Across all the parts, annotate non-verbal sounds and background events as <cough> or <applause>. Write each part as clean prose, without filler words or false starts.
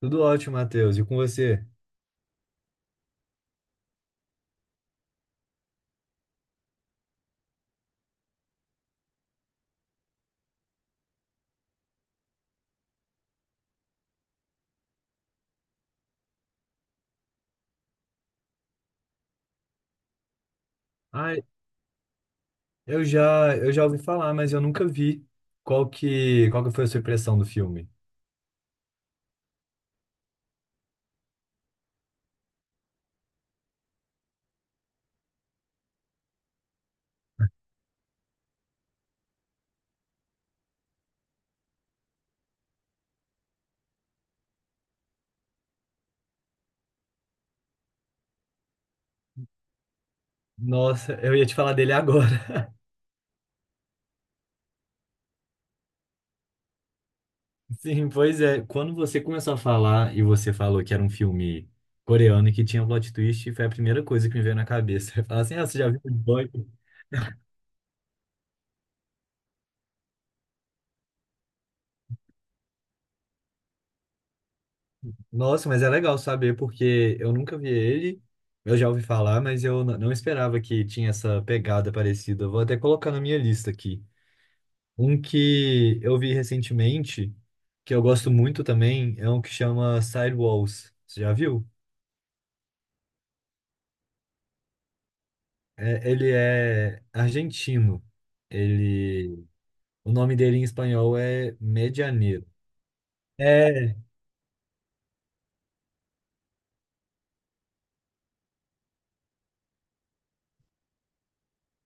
Tudo ótimo, Matheus. E com você? Ah, eu já ouvi falar, mas eu nunca vi. Qual que foi a sua impressão do filme? Nossa, eu ia te falar dele agora. <laughs> Sim, pois é. Quando você começou a falar e você falou que era um filme coreano e que tinha um plot twist, foi a primeira coisa que me veio na cabeça. <laughs> Eu falei assim, ah, você já viu o boy. Nossa, mas é legal saber, porque eu nunca vi ele. Eu já ouvi falar, mas não esperava que tinha essa pegada parecida. Vou até colocar na minha lista aqui. Um que eu vi recentemente, que eu gosto muito também, é um que chama Sidewalls. Você já viu? Ele é argentino. Ele, o nome dele em espanhol é Medianeiro. É,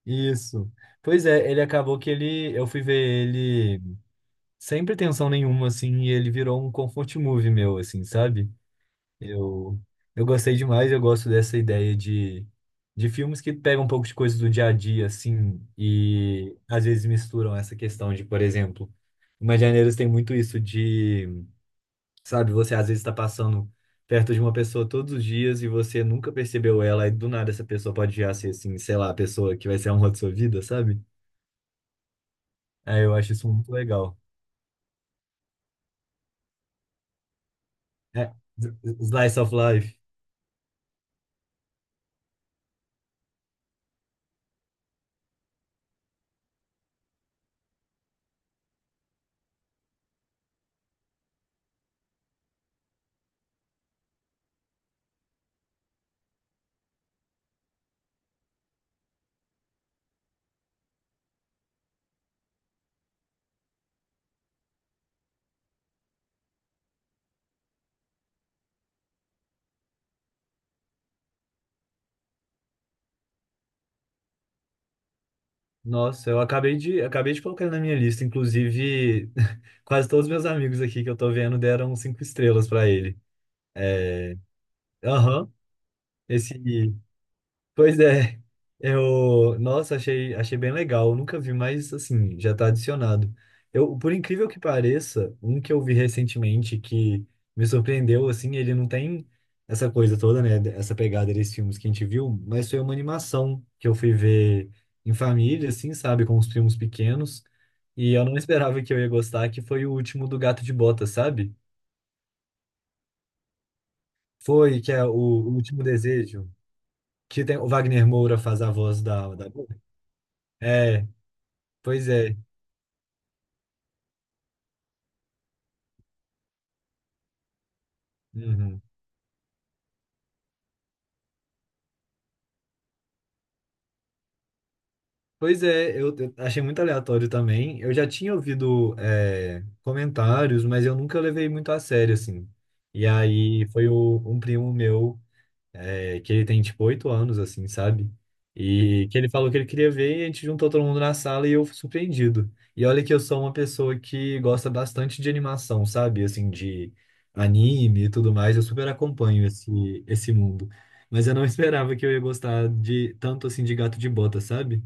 isso. Pois é, ele acabou que ele, eu fui ver ele sem pretensão nenhuma, assim, e ele virou um comfort movie meu, assim, sabe? Eu, eu gostei demais, eu gosto dessa ideia de filmes que pegam um pouco de coisas do dia a dia, assim, e às vezes misturam essa questão de, por exemplo, Imagineiros tem muito isso de, sabe, você às vezes está passando perto de uma pessoa todos os dias e você nunca percebeu ela, e do nada essa pessoa pode já ser, assim, sei lá, a pessoa que vai ser a honra de sua vida, sabe? Aí eu acho isso muito legal. É, slice of life. Nossa, acabei de colocar ele na minha lista. Inclusive, <laughs> quase todos os meus amigos aqui que eu tô vendo deram cinco estrelas pra ele. É, aham, esse. Pois é, nossa, achei bem legal. Eu nunca vi, mas assim, já tá adicionado. Eu, por incrível que pareça, um que eu vi recentemente que me surpreendeu, assim, ele não tem essa coisa toda, né? Essa pegada desses filmes que a gente viu, mas foi uma animação que eu fui ver em família, assim, sabe, com os primos pequenos. E eu não esperava que eu ia gostar, que foi o último do Gato de Bota, sabe? Foi, que é o Último Desejo, que tem, o Wagner Moura faz a voz da... É. Pois é. Uhum. Pois é, eu achei muito aleatório também. Eu já tinha ouvido é, comentários, mas eu nunca levei muito a sério, assim. E aí foi um primo meu. É, que ele tem tipo 8 anos, assim, sabe? E que ele falou que ele queria ver e a gente juntou todo mundo na sala e eu fui surpreendido. E olha que eu sou uma pessoa que gosta bastante de animação, sabe? Assim, de anime e tudo mais, eu super acompanho esse mundo. Mas eu não <laughs> esperava que eu ia gostar de tanto assim de gato de bota, sabe?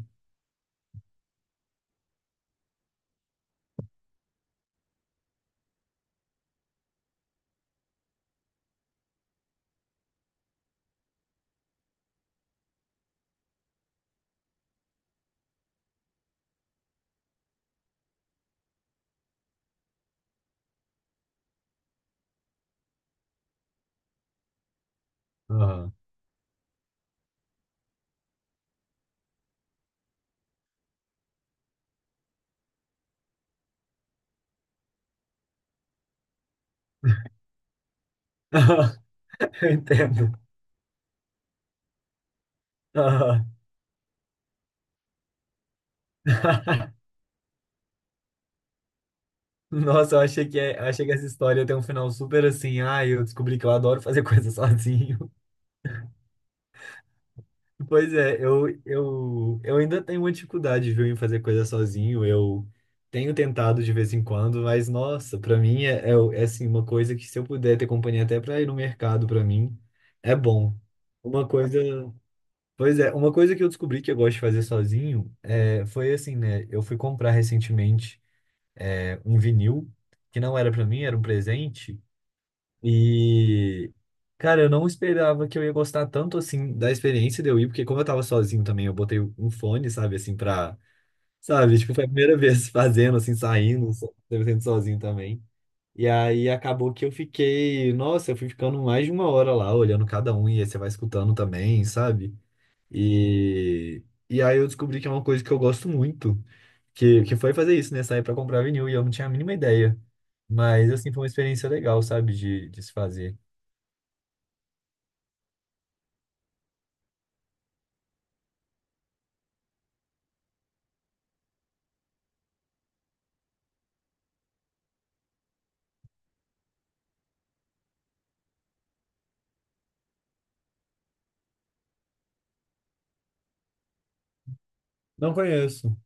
Aham. <laughs> Eu entendo. Aham. <laughs> Nossa, eu achei que essa história tem um final super assim. Ah, eu descobri que eu adoro fazer <laughs> coisas sozinho. Pois é, eu ainda tenho uma dificuldade, viu, em fazer coisa sozinho. Eu tenho tentado de vez em quando, mas nossa, pra mim é, assim, uma coisa que se eu puder ter companhia até pra ir no mercado, pra mim, é bom. Uma coisa, pois é, uma coisa que eu descobri que eu gosto de fazer sozinho é, foi assim, né? Eu fui comprar recentemente é, um vinil que não era pra mim, era um presente. E, cara, eu não esperava que eu ia gostar tanto assim da experiência de eu ir, porque como eu tava sozinho também, eu botei um fone, sabe, assim, pra. Sabe, tipo, foi a primeira <laughs> vez fazendo, assim, saindo, sendo sozinho também. E aí acabou que eu fiquei. Nossa, eu fui ficando mais de uma hora lá, olhando cada um, e aí você vai escutando também, sabe? E. E aí eu descobri que é uma coisa que eu gosto muito, que foi fazer isso, né? Sair pra comprar vinil, e eu não tinha a mínima ideia. Mas, assim, foi uma experiência legal, sabe, de se fazer. Não conheço.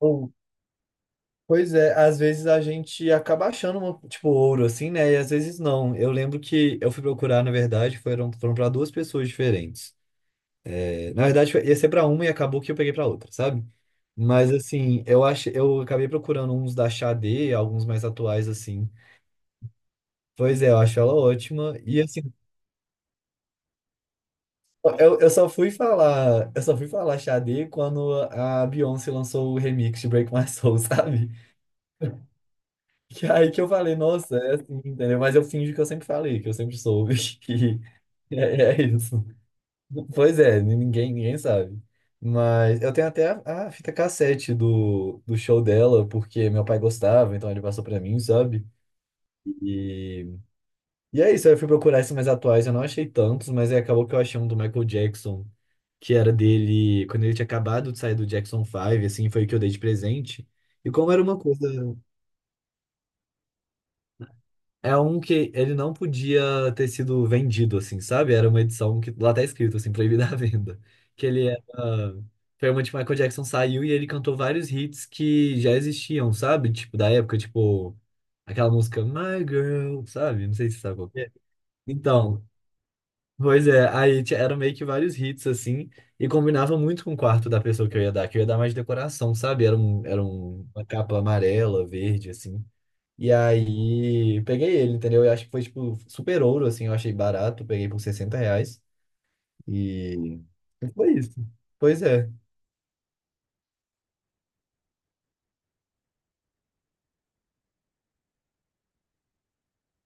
Ou-. Pois é, às vezes a gente acaba achando, uma, tipo, ouro, assim, né? E às vezes não. Eu lembro que eu fui procurar, na verdade, foram para duas pessoas diferentes. É, na verdade, ia ser para uma e acabou que eu peguei para outra, sabe? Mas, assim, eu achei, eu acabei procurando uns da Xadê, alguns mais atuais, assim. Pois é, eu acho ela ótima. E, assim, eu só fui falar Xadê quando a Beyoncé lançou o remix de Break My Soul, <laughs> sabe? E aí que eu falei, nossa, é assim, entendeu? Mas eu finjo que eu sempre falei, que eu sempre soube. <laughs> E é, é isso. Pois é, ninguém sabe. Mas eu tenho até a fita cassete do show dela, porque meu pai gostava, então ele passou pra mim, sabe? E, e é isso, aí eu fui procurar esses mais atuais, eu não achei tantos, mas aí acabou que eu achei um do Michael Jackson, que era dele, quando ele tinha acabado de sair do Jackson Five assim, foi o que eu dei de presente. E como era uma coisa. É um que ele não podia ter sido vendido, assim, sabe? Era uma edição que lá tá escrito, assim, proibida <laughs> a venda. Que ele era. Foi uma que Michael Jackson saiu e ele cantou vários hits que já existiam, sabe? Tipo, da época, tipo, aquela música My Girl, sabe? Não sei se você sabe qual que é. Então, pois é, aí ti- eram meio que vários hits, assim, e combinava muito com o quarto da pessoa que eu ia dar, que eu ia dar mais decoração, sabe? Uma capa amarela, verde, assim. E aí, peguei ele, entendeu? Eu acho que foi, tipo, super ouro, assim. Eu achei barato, peguei por R$ 60. E e foi isso. Pois é.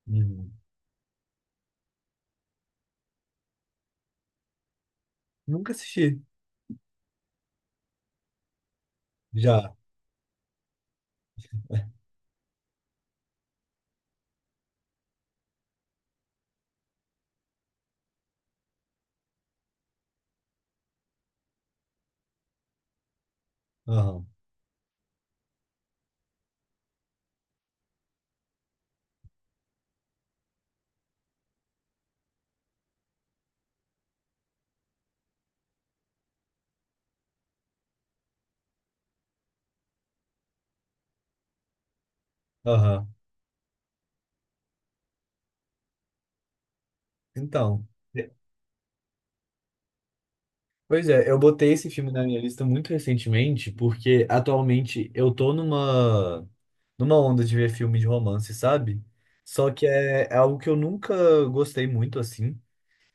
Uhum. Nunca assisti. Já. Aham. Aham. Então. é, Pois é, eu botei esse filme na minha lista muito recentemente, porque atualmente eu tô numa, numa onda de ver filme de romance, sabe? Só que é algo que eu nunca gostei muito, assim.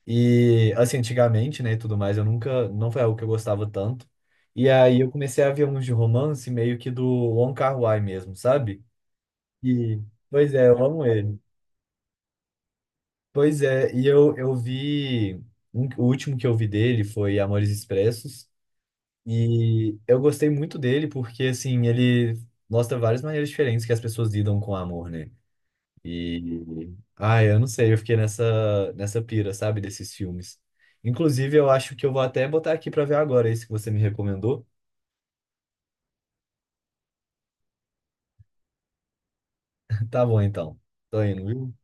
E assim, antigamente, né, e tudo mais, eu nunca, não foi algo que eu gostava tanto. E aí eu comecei a ver uns de romance meio que do Wong Kar-wai mesmo, sabe? E Pois é, eu amo ele. Pois é, e eu vi o último que eu vi dele foi Amores Expressos e eu gostei muito dele porque assim, ele mostra várias maneiras diferentes que as pessoas lidam com o amor, né? E. Ai, eu não sei, eu fiquei nessa pira, sabe, desses filmes. Inclusive, eu acho que eu vou até botar aqui pra ver agora esse que você me recomendou. <laughs> Tá bom, então. Tô indo, viu?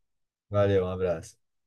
Valeu, um abraço.